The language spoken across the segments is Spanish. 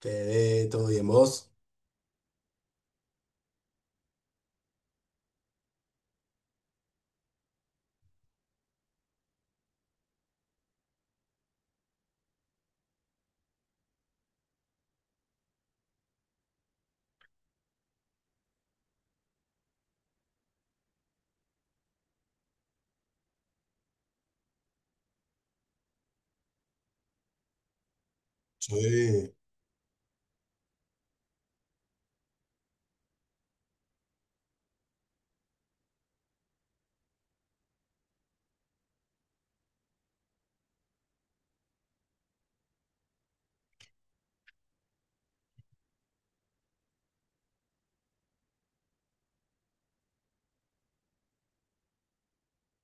Fede, ¿todo bien vos? Sí.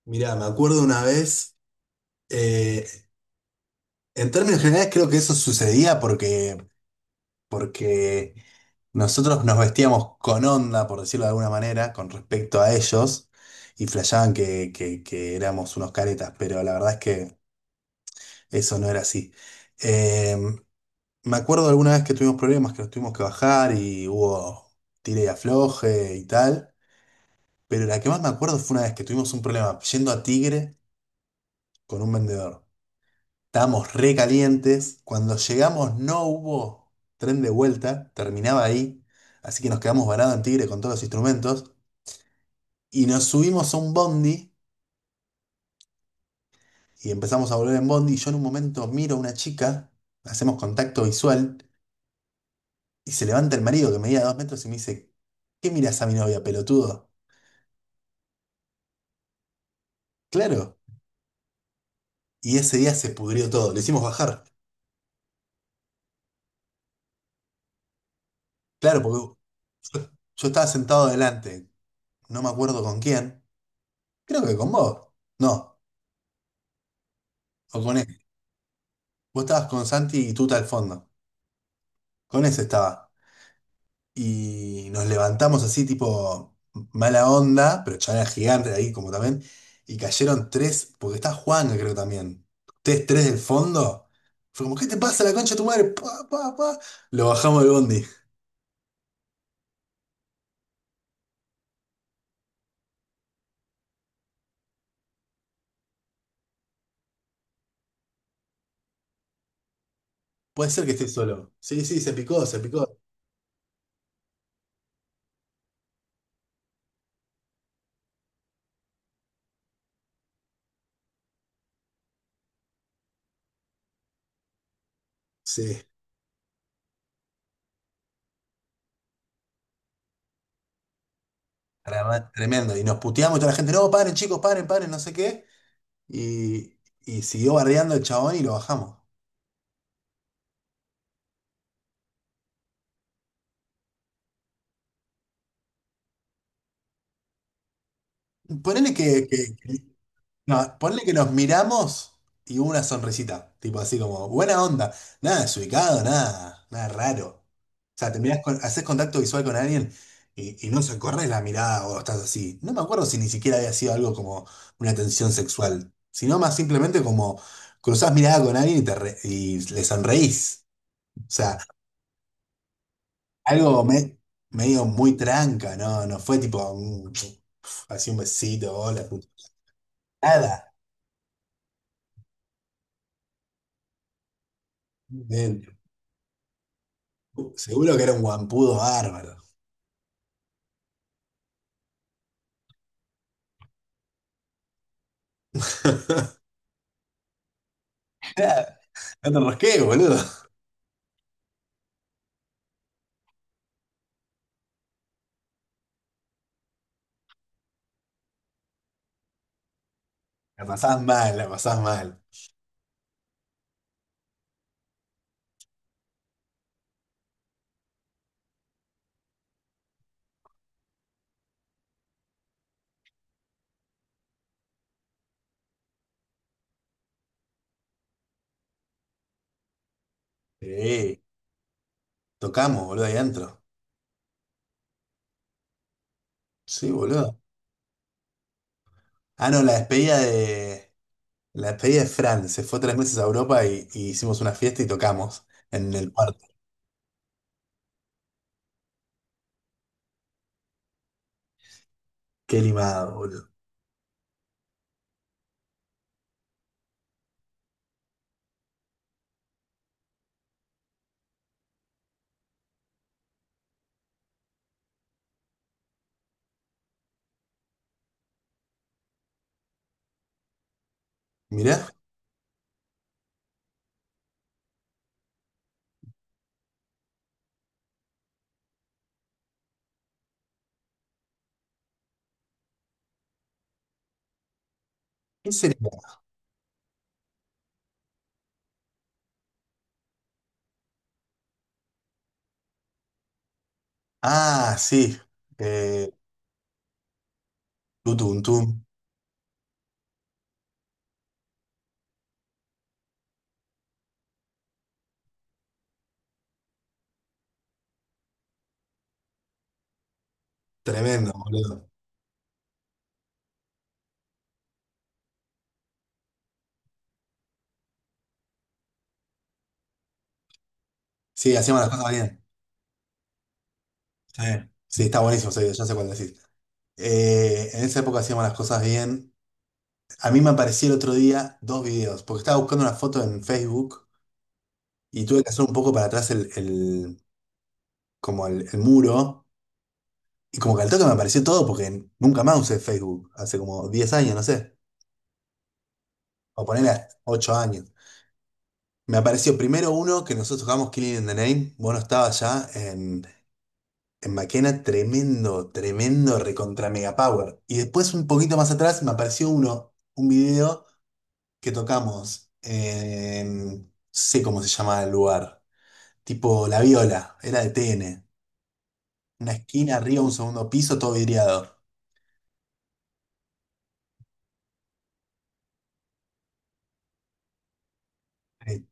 Mirá, me acuerdo una vez, eh, en términos generales creo que eso sucedía porque nosotros nos vestíamos con onda, por decirlo de alguna manera, con respecto a ellos, y flasheaban que éramos unos caretas, pero la verdad es que eso no era así. Eh, Me acuerdo alguna vez que tuvimos problemas, que nos tuvimos que bajar y hubo tire y afloje y tal, pero la que más me acuerdo fue una vez que tuvimos un problema yendo a Tigre con un vendedor. Estábamos re calientes. Cuando llegamos no hubo tren de vuelta, terminaba ahí. Así que nos quedamos varados en Tigre con todos los instrumentos. Y nos subimos a un bondi y empezamos a volver en bondi. Y yo en un momento miro a una chica, hacemos contacto visual y se levanta el marido que medía 2 metros y me dice, ¿qué miras a mi novia, pelotudo? Claro. Y ese día se pudrió todo. Lo hicimos bajar. Claro, porque yo, yo estaba sentado adelante. No me acuerdo con quién. Creo que con vos. No. O con ese. Vos estabas con Santi y Tuta al fondo. Con ese estaba. Y nos levantamos así, tipo mala onda, pero ya era gigante ahí como también. Y cayeron tres, porque está Juan, creo también. Ustedes tres del fondo. Fue como, ¿qué te pasa la concha de tu madre? Pa, pa, pa. Lo bajamos del bondi. Puede ser que esté solo. Sí, sí, se picó, se picó. Sí. Tremendo. Y nos puteamos y toda la gente, no, paren, chicos, paren, paren, no sé qué. Y, y siguió bardeando el chabón y lo bajamos. Ponele que no, ponle que nos miramos y hubo una sonrisita, tipo así como, buena onda, nada desubicado, nada, nada raro. O sea, te mirás con, haces contacto visual con alguien y no se corre la mirada o estás así. No me acuerdo si ni siquiera había sido algo como una tensión sexual, sino más simplemente como cruzás mirada con alguien y le sonreís. O sea, algo me- medio muy tranca, ¿no? No fue tipo, así un besito, hola, puta. Nada. Seguro que era un guampudo bárbaro. Claro, no te rosqué, boludo. La pasás mal, la pasás mal. Sí, tocamos, boludo, ahí adentro. Sí, boludo. Ah, no, la despedida de. La despedida de Fran. Se fue tres meses a Europa y hicimos una fiesta y tocamos en el cuarto. Qué limado, boludo. Mirá, ¿qué sería? Ah, sí. Eh, tutum, tum. Tremendo, boludo. Sí, hacíamos las cosas bien. Sí, sí, está buenísimo, sí, ya sé cuál decís. En esa época hacíamos las cosas bien. A mí me apareció el otro día dos videos, porque estaba buscando una foto en Facebook y tuve que hacer un poco para atrás como el muro. Y como que al toque me apareció todo porque nunca más usé Facebook, hace como 10 años, no sé, o ponerle 8 años. Me apareció primero uno que nosotros jugamos Killing in the Name, bueno estaba estabas ya en Maquena, tremendo, tremendo, recontra mega power. Y después un poquito más atrás me apareció uno, un video que tocamos, no sé cómo se llama el lugar, tipo La Viola, era de TN. Una esquina arriba, un segundo piso, todo vidriado. Eh,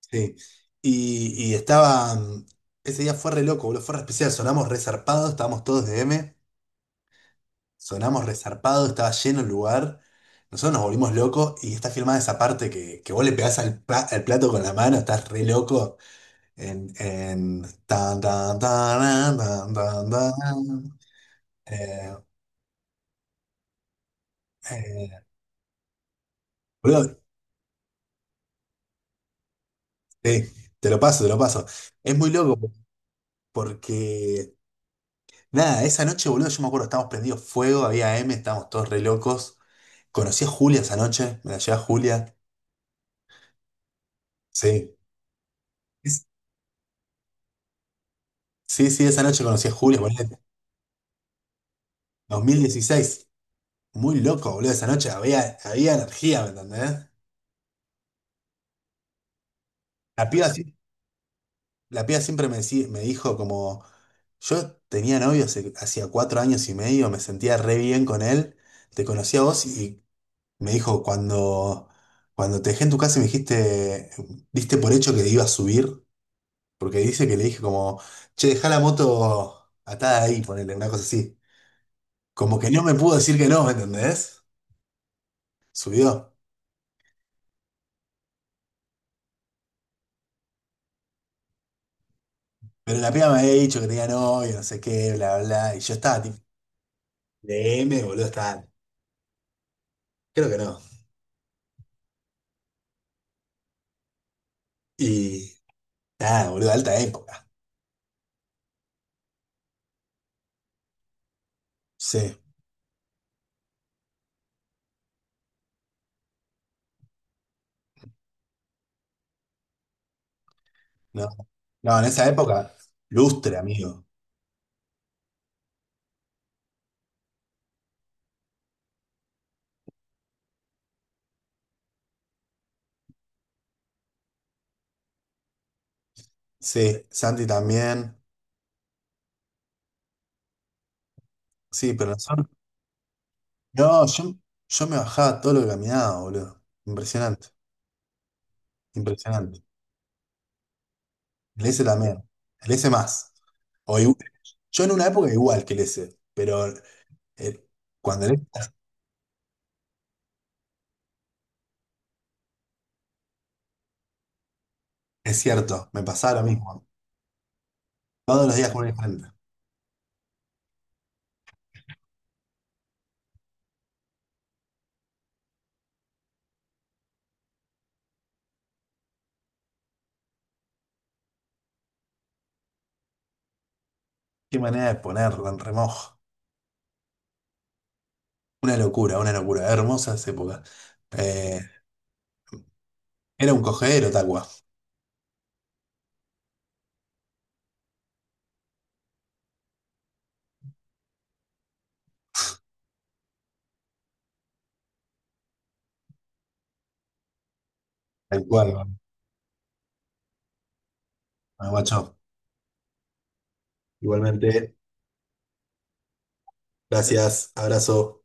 sí. Y estaba, ese día fue re loco, boludo, fue re especial. Sonamos resarpados, estábamos todos de M. Sonamos resarpados, estaba lleno el lugar. Nosotros nos volvimos locos y está filmada esa parte que vos le pegás al, al plato con la mano, estás re loco. En tan, tan, tan, tan, tan, tan. Eh, eh, boludo, sí, te lo paso, te lo paso. Es muy loco. Porque, nada, esa noche, boludo, yo me acuerdo, estábamos prendidos fuego, había M, estábamos todos re locos. Conocí a Julia esa noche, me la llevé a Julia. Sí. Es- sí, sí, esa noche conocí a Julia, boludo, 2016. Muy loco, boludo, esa noche había, había energía, ¿me entendés? La piba, sí- la piba siempre me, me dijo como, yo tenía novio hacía 4 años y medio, me sentía re bien con él, te conocí a vos y me dijo, cuando te dejé en tu casa y me dijiste, diste por hecho que iba a subir, porque dice que le dije como, che, dejá la moto atada ahí, ponele, una cosa así. Como que no me pudo decir que no, ¿me entendés? Subió. Pero la piba me había dicho que tenía novio, no sé qué, bla, bla, bla. Y yo estaba tipo, DM, boludo, estaba, creo que no. Y nada, boludo, alta época. Sí, no. No, en esa época, lustre, amigo. Sí, Santi también. Sí, pero nosotros no, yo me bajaba todo lo que caminaba, boludo. Impresionante, impresionante. El S también. El S más. O igu- yo en una época igual que el S, pero eh, cuando el S es cierto, me pasaba lo mismo. Todos los días con una diferente. Qué manera de ponerlo en remojo. Una locura, una locura. Hermosas épocas. Eh, era un cogedero, Tacua. Tal cual, guacho. Igualmente, gracias, abrazo.